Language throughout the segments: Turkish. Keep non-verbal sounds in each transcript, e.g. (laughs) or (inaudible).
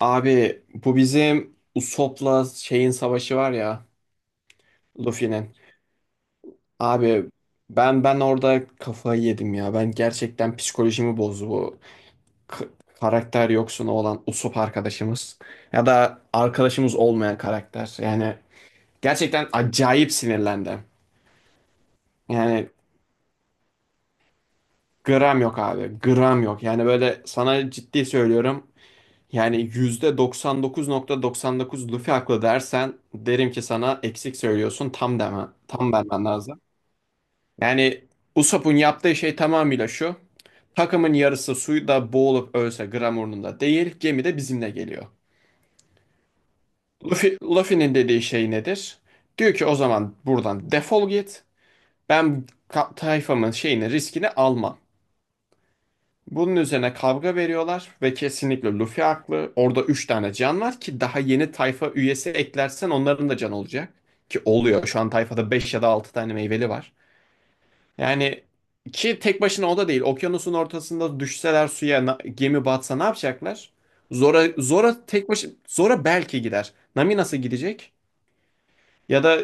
Abi bu bizim Usopp'la şeyin savaşı var ya Luffy'nin. Abi ben orada kafayı yedim ya. Ben gerçekten psikolojimi bozdu bu k- karakter yoksunu olan Usopp arkadaşımız. Ya da arkadaşımız olmayan karakter. Yani gerçekten acayip sinirlendim. Yani gram yok abi. Gram yok. Yani böyle sana ciddi söylüyorum. Yani %99,99 Luffy haklı dersen derim ki sana eksik söylüyorsun tam deme. Tam vermen lazım. Yani Usopp'un yaptığı şey tamamıyla şu. Takımın yarısı suyda boğulup ölse gram umurunda değil, gemi de bizimle geliyor. Luffy'nin dediği şey nedir? Diyor ki o zaman buradan defol git. Ben tayfamın şeyini, riskini almam. Bunun üzerine kavga veriyorlar ve kesinlikle Luffy haklı. Orada 3 tane can var ki daha yeni tayfa üyesi eklersen onların da can olacak. Ki oluyor. Şu an tayfada 5 ya da 6 tane meyveli var. Yani ki tek başına o da değil. Okyanusun ortasında düşseler suya gemi batsa ne yapacaklar? Zora tek başına, Zora belki gider. Nami nasıl gidecek? Ya da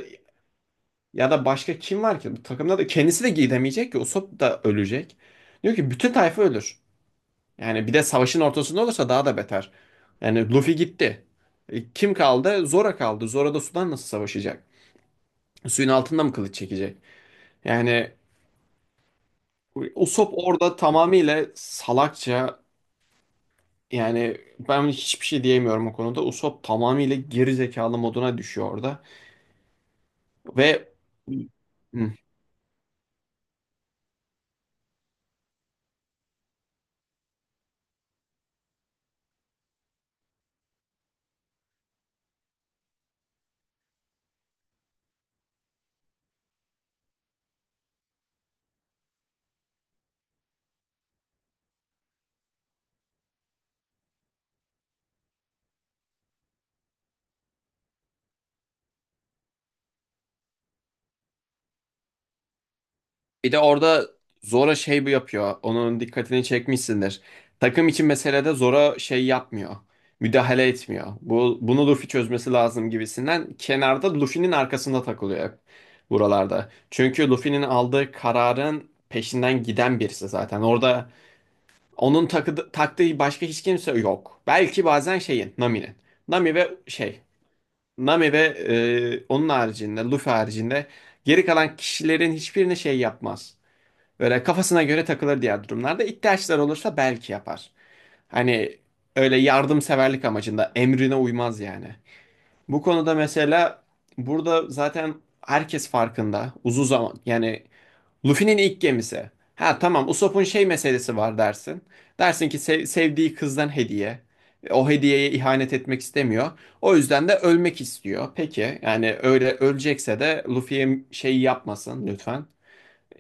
başka kim var ki? Bu takımda da kendisi de gidemeyecek ki. Usopp da ölecek. Diyor ki bütün tayfa ölür. Yani bir de savaşın ortasında olursa daha da beter. Yani Luffy gitti. E, kim kaldı? Zora kaldı. Zora da sudan nasıl savaşacak? Suyun altında mı kılıç çekecek? Yani Usopp orada tamamıyla salakça, yani ben hiçbir şey diyemiyorum o konuda. Usopp tamamıyla geri zekalı moduna düşüyor orada. Ve Hı. Bir de orada Zora şey bu yapıyor. Onun dikkatini çekmişsindir. Takım için meselede Zora şey yapmıyor. Müdahale etmiyor. Bunu Luffy çözmesi lazım gibisinden kenarda Luffy'nin arkasında takılıyor hep buralarda. Çünkü Luffy'nin aldığı kararın peşinden giden birisi zaten. Orada onun taktığı başka hiç kimse yok. Belki bazen şeyin, Nami'nin. Nami ve şey, Nami ve onun haricinde, Luffy haricinde geri kalan kişilerin hiçbirini şey yapmaz. Böyle kafasına göre takılır diğer durumlarda. İhtiyaçlar olursa belki yapar. Hani öyle yardımseverlik amacında emrine uymaz yani. Bu konuda mesela burada zaten herkes farkında. Uzun zaman yani Luffy'nin ilk gemisi. Ha tamam, Usopp'un şey meselesi var dersin. Dersin ki sevdiği kızdan hediye. O hediyeye ihanet etmek istemiyor. O yüzden de ölmek istiyor. Peki yani öyle ölecekse de Luffy'ye şey yapmasın lütfen,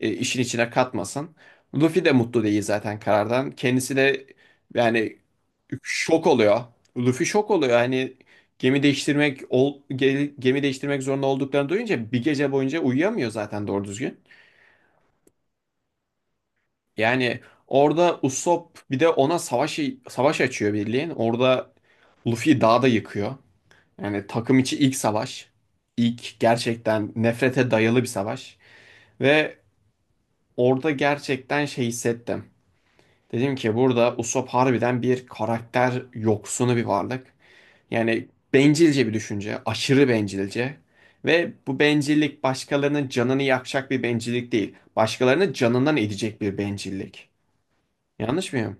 işin içine katmasın. Luffy de mutlu değil zaten karardan. Kendisi de yani şok oluyor. Luffy şok oluyor. Hani gemi değiştirmek zorunda olduklarını duyunca bir gece boyunca uyuyamıyor zaten doğru düzgün. Yani orada Usopp bir de ona savaş açıyor birliğin. Orada Luffy dağda yıkıyor. Yani takım içi ilk savaş. İlk gerçekten nefrete dayalı bir savaş. Ve orada gerçekten şey hissettim. Dedim ki burada Usopp harbiden bir karakter yoksunu bir varlık. Yani bencilce bir düşünce, aşırı bencilce. Ve bu bencillik başkalarının canını yakacak bir bencillik değil. Başkalarının canından edecek bir bencillik. Yanlış mıyım?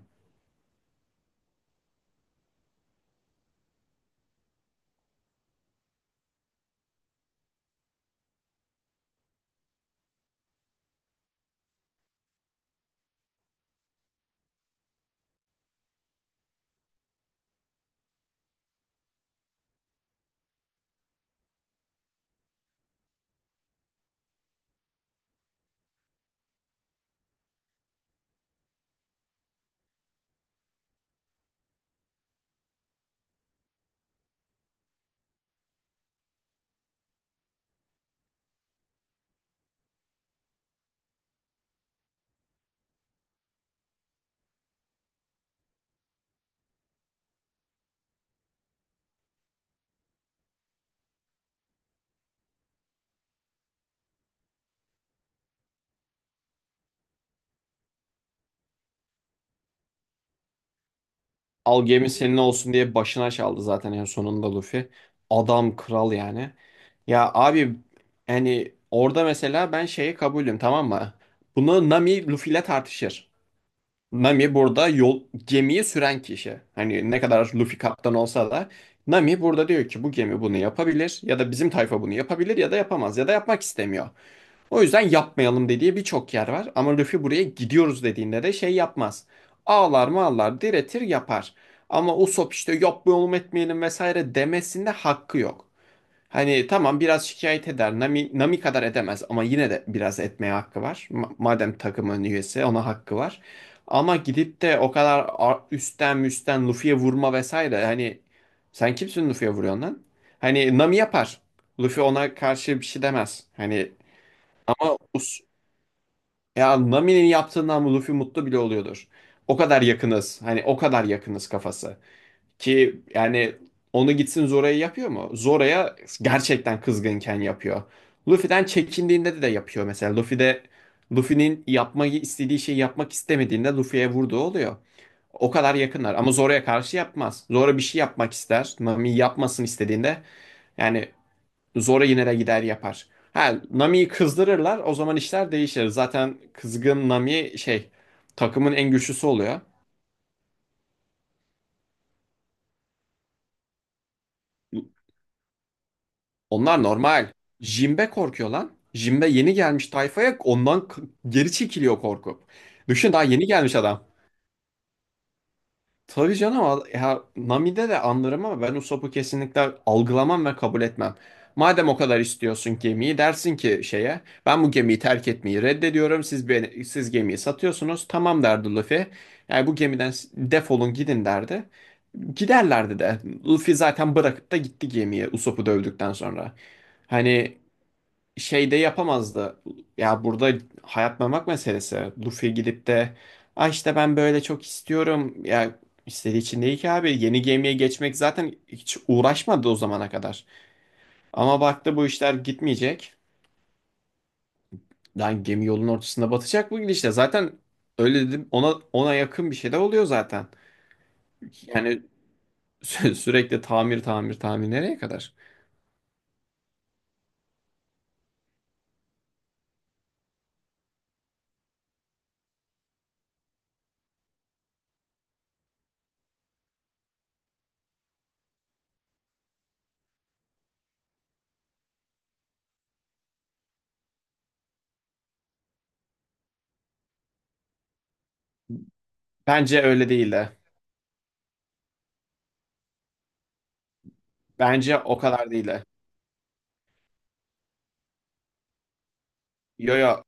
Al gemi senin olsun diye başına çaldı zaten en sonunda Luffy. Adam kral yani. Ya abi, yani orada mesela ben şeye kabulüm, tamam mı? Bunu Nami Luffy ile tartışır. Nami burada gemiyi süren kişi. Hani ne kadar Luffy kaptan olsa da Nami burada diyor ki bu gemi bunu yapabilir ya da bizim tayfa bunu yapabilir ya da yapamaz ya da yapmak istemiyor. O yüzden yapmayalım dediği birçok yer var ama Luffy buraya gidiyoruz dediğinde de şey yapmaz. Ağlar mağlar, diretir yapar. Ama Usopp işte yapmayalım etmeyelim vesaire demesinde hakkı yok. Hani tamam, biraz şikayet eder. Nami kadar edemez ama yine de biraz etmeye hakkı var. Madem takımın üyesi ona hakkı var. Ama gidip de o kadar üstten müstten Luffy'ye vurma vesaire. Hani sen kimsin Luffy'ye vuruyorsun lan? Hani Nami yapar. Luffy ona karşı bir şey demez. Hani ama ya Nami'nin yaptığından Luffy mutlu bile oluyordur. O kadar yakınız. Hani o kadar yakınız kafası. Ki yani onu gitsin Zora'ya yapıyor mu? Zora'ya gerçekten kızgınken yapıyor. Luffy'den çekindiğinde de yapıyor mesela. Luffy de Luffy'nin yapmayı istediği şeyi yapmak istemediğinde Luffy'ye vurduğu oluyor. O kadar yakınlar ama Zora'ya karşı yapmaz. Zora bir şey yapmak ister, Nami yapmasın istediğinde yani Zora yine de gider yapar. Ha Nami'yi kızdırırlar, o zaman işler değişir. Zaten kızgın Nami şey, takımın en güçlüsü oluyor. Onlar normal. Jimbe korkuyor lan. Jimbe yeni gelmiş tayfaya, ondan geri çekiliyor korkup. Düşün, daha yeni gelmiş adam. Tabii canım, ya Nami'de de anlarım ama ben Usopp'u kesinlikle algılamam ve kabul etmem. Madem o kadar istiyorsun gemiyi, dersin ki şeye, ben bu gemiyi terk etmeyi reddediyorum, siz gemiyi satıyorsunuz, tamam derdi Luffy. Yani bu gemiden defolun gidin derdi. Giderlerdi de. Luffy zaten bırakıp da gitti gemiye, Usopp'u dövdükten sonra. Hani şeyde yapamazdı. Ya burada hayat memak meselesi. Luffy gidip de ay işte ben böyle çok istiyorum. Ya istediği için değil ki abi. Yeni gemiye geçmek zaten hiç uğraşmadı o zamana kadar. Ama baktı bu işler gitmeyecek. Lan gemi yolun ortasında batacak bu gidişle. Zaten öyle dedim, ona yakın bir şey de oluyor zaten. Yani (laughs) sürekli tamir tamir tamir nereye kadar? Bence öyle değil de. Bence o kadar değil de. Yo yo,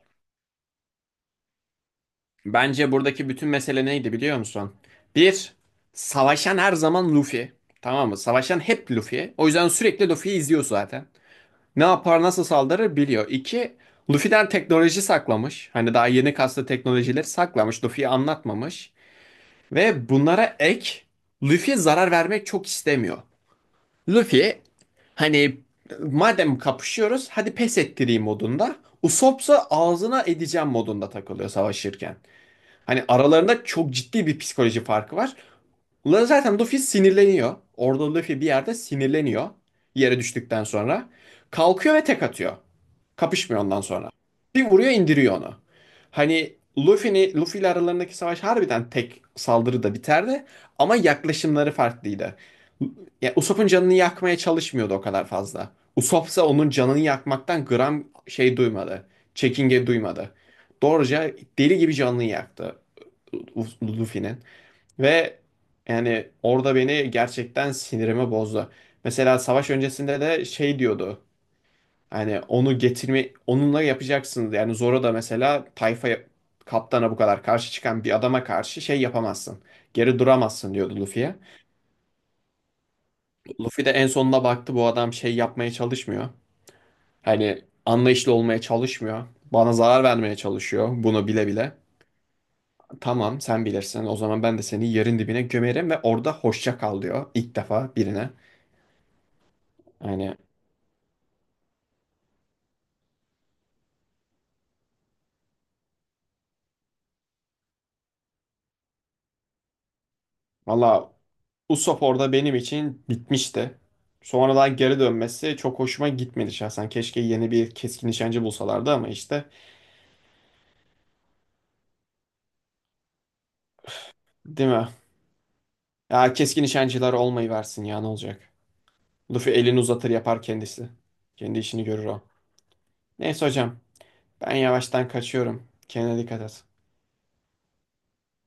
bence buradaki bütün mesele neydi biliyor musun? Bir, savaşan her zaman Luffy. Tamam mı? Savaşan hep Luffy. O yüzden sürekli Luffy'yi izliyor zaten. Ne yapar, nasıl saldırır biliyor. İki, Luffy'den teknoloji saklamış. Hani daha yeni kaslı teknolojileri saklamış. Luffy'yi anlatmamış. Ve bunlara ek, Luffy zarar vermek çok istemiyor. Luffy hani madem kapışıyoruz hadi pes ettireyim modunda. Usopp'sa ağzına edeceğim modunda takılıyor savaşırken. Hani aralarında çok ciddi bir psikoloji farkı var. Ulan zaten Luffy sinirleniyor. Orada Luffy bir yerde sinirleniyor. Yere düştükten sonra. Kalkıyor ve tek atıyor. Kapışmıyor ondan sonra. Bir vuruyor, indiriyor onu. Hani Luffy ile aralarındaki savaş harbiden tek saldırıda biterdi. Ama yaklaşımları farklıydı. Ya Usopp'un canını yakmaya çalışmıyordu o kadar fazla. Usopp ise onun canını yakmaktan gram şey duymadı. Çekinge duymadı. Doğruca deli gibi canını yaktı. Luffy'nin. Ve yani orada beni gerçekten sinirimi bozdu. Mesela savaş öncesinde de şey diyordu. Hani onu getirme, onunla yapacaksınız. Yani Zoro da mesela tayfa, kaptana bu kadar karşı çıkan bir adama karşı şey yapamazsın. Geri duramazsın diyordu Luffy'ye. Luffy de en sonunda baktı bu adam şey yapmaya çalışmıyor. Hani anlayışlı olmaya çalışmıyor. Bana zarar vermeye çalışıyor bunu bile bile. Tamam sen bilirsin. O zaman ben de seni yerin dibine gömerim ve orada hoşça kal diyor ilk defa birine. Yani valla Usopp orada benim için bitmişti. Sonradan geri dönmesi çok hoşuma gitmedi şahsen. Keşke yeni bir keskin nişancı bulsalardı ama işte, değil mi? Ya keskin nişancılar olmayı versin ya, ne olacak? Luffy elini uzatır yapar kendisi. Kendi işini görür o. Neyse hocam, ben yavaştan kaçıyorum. Kendine dikkat et.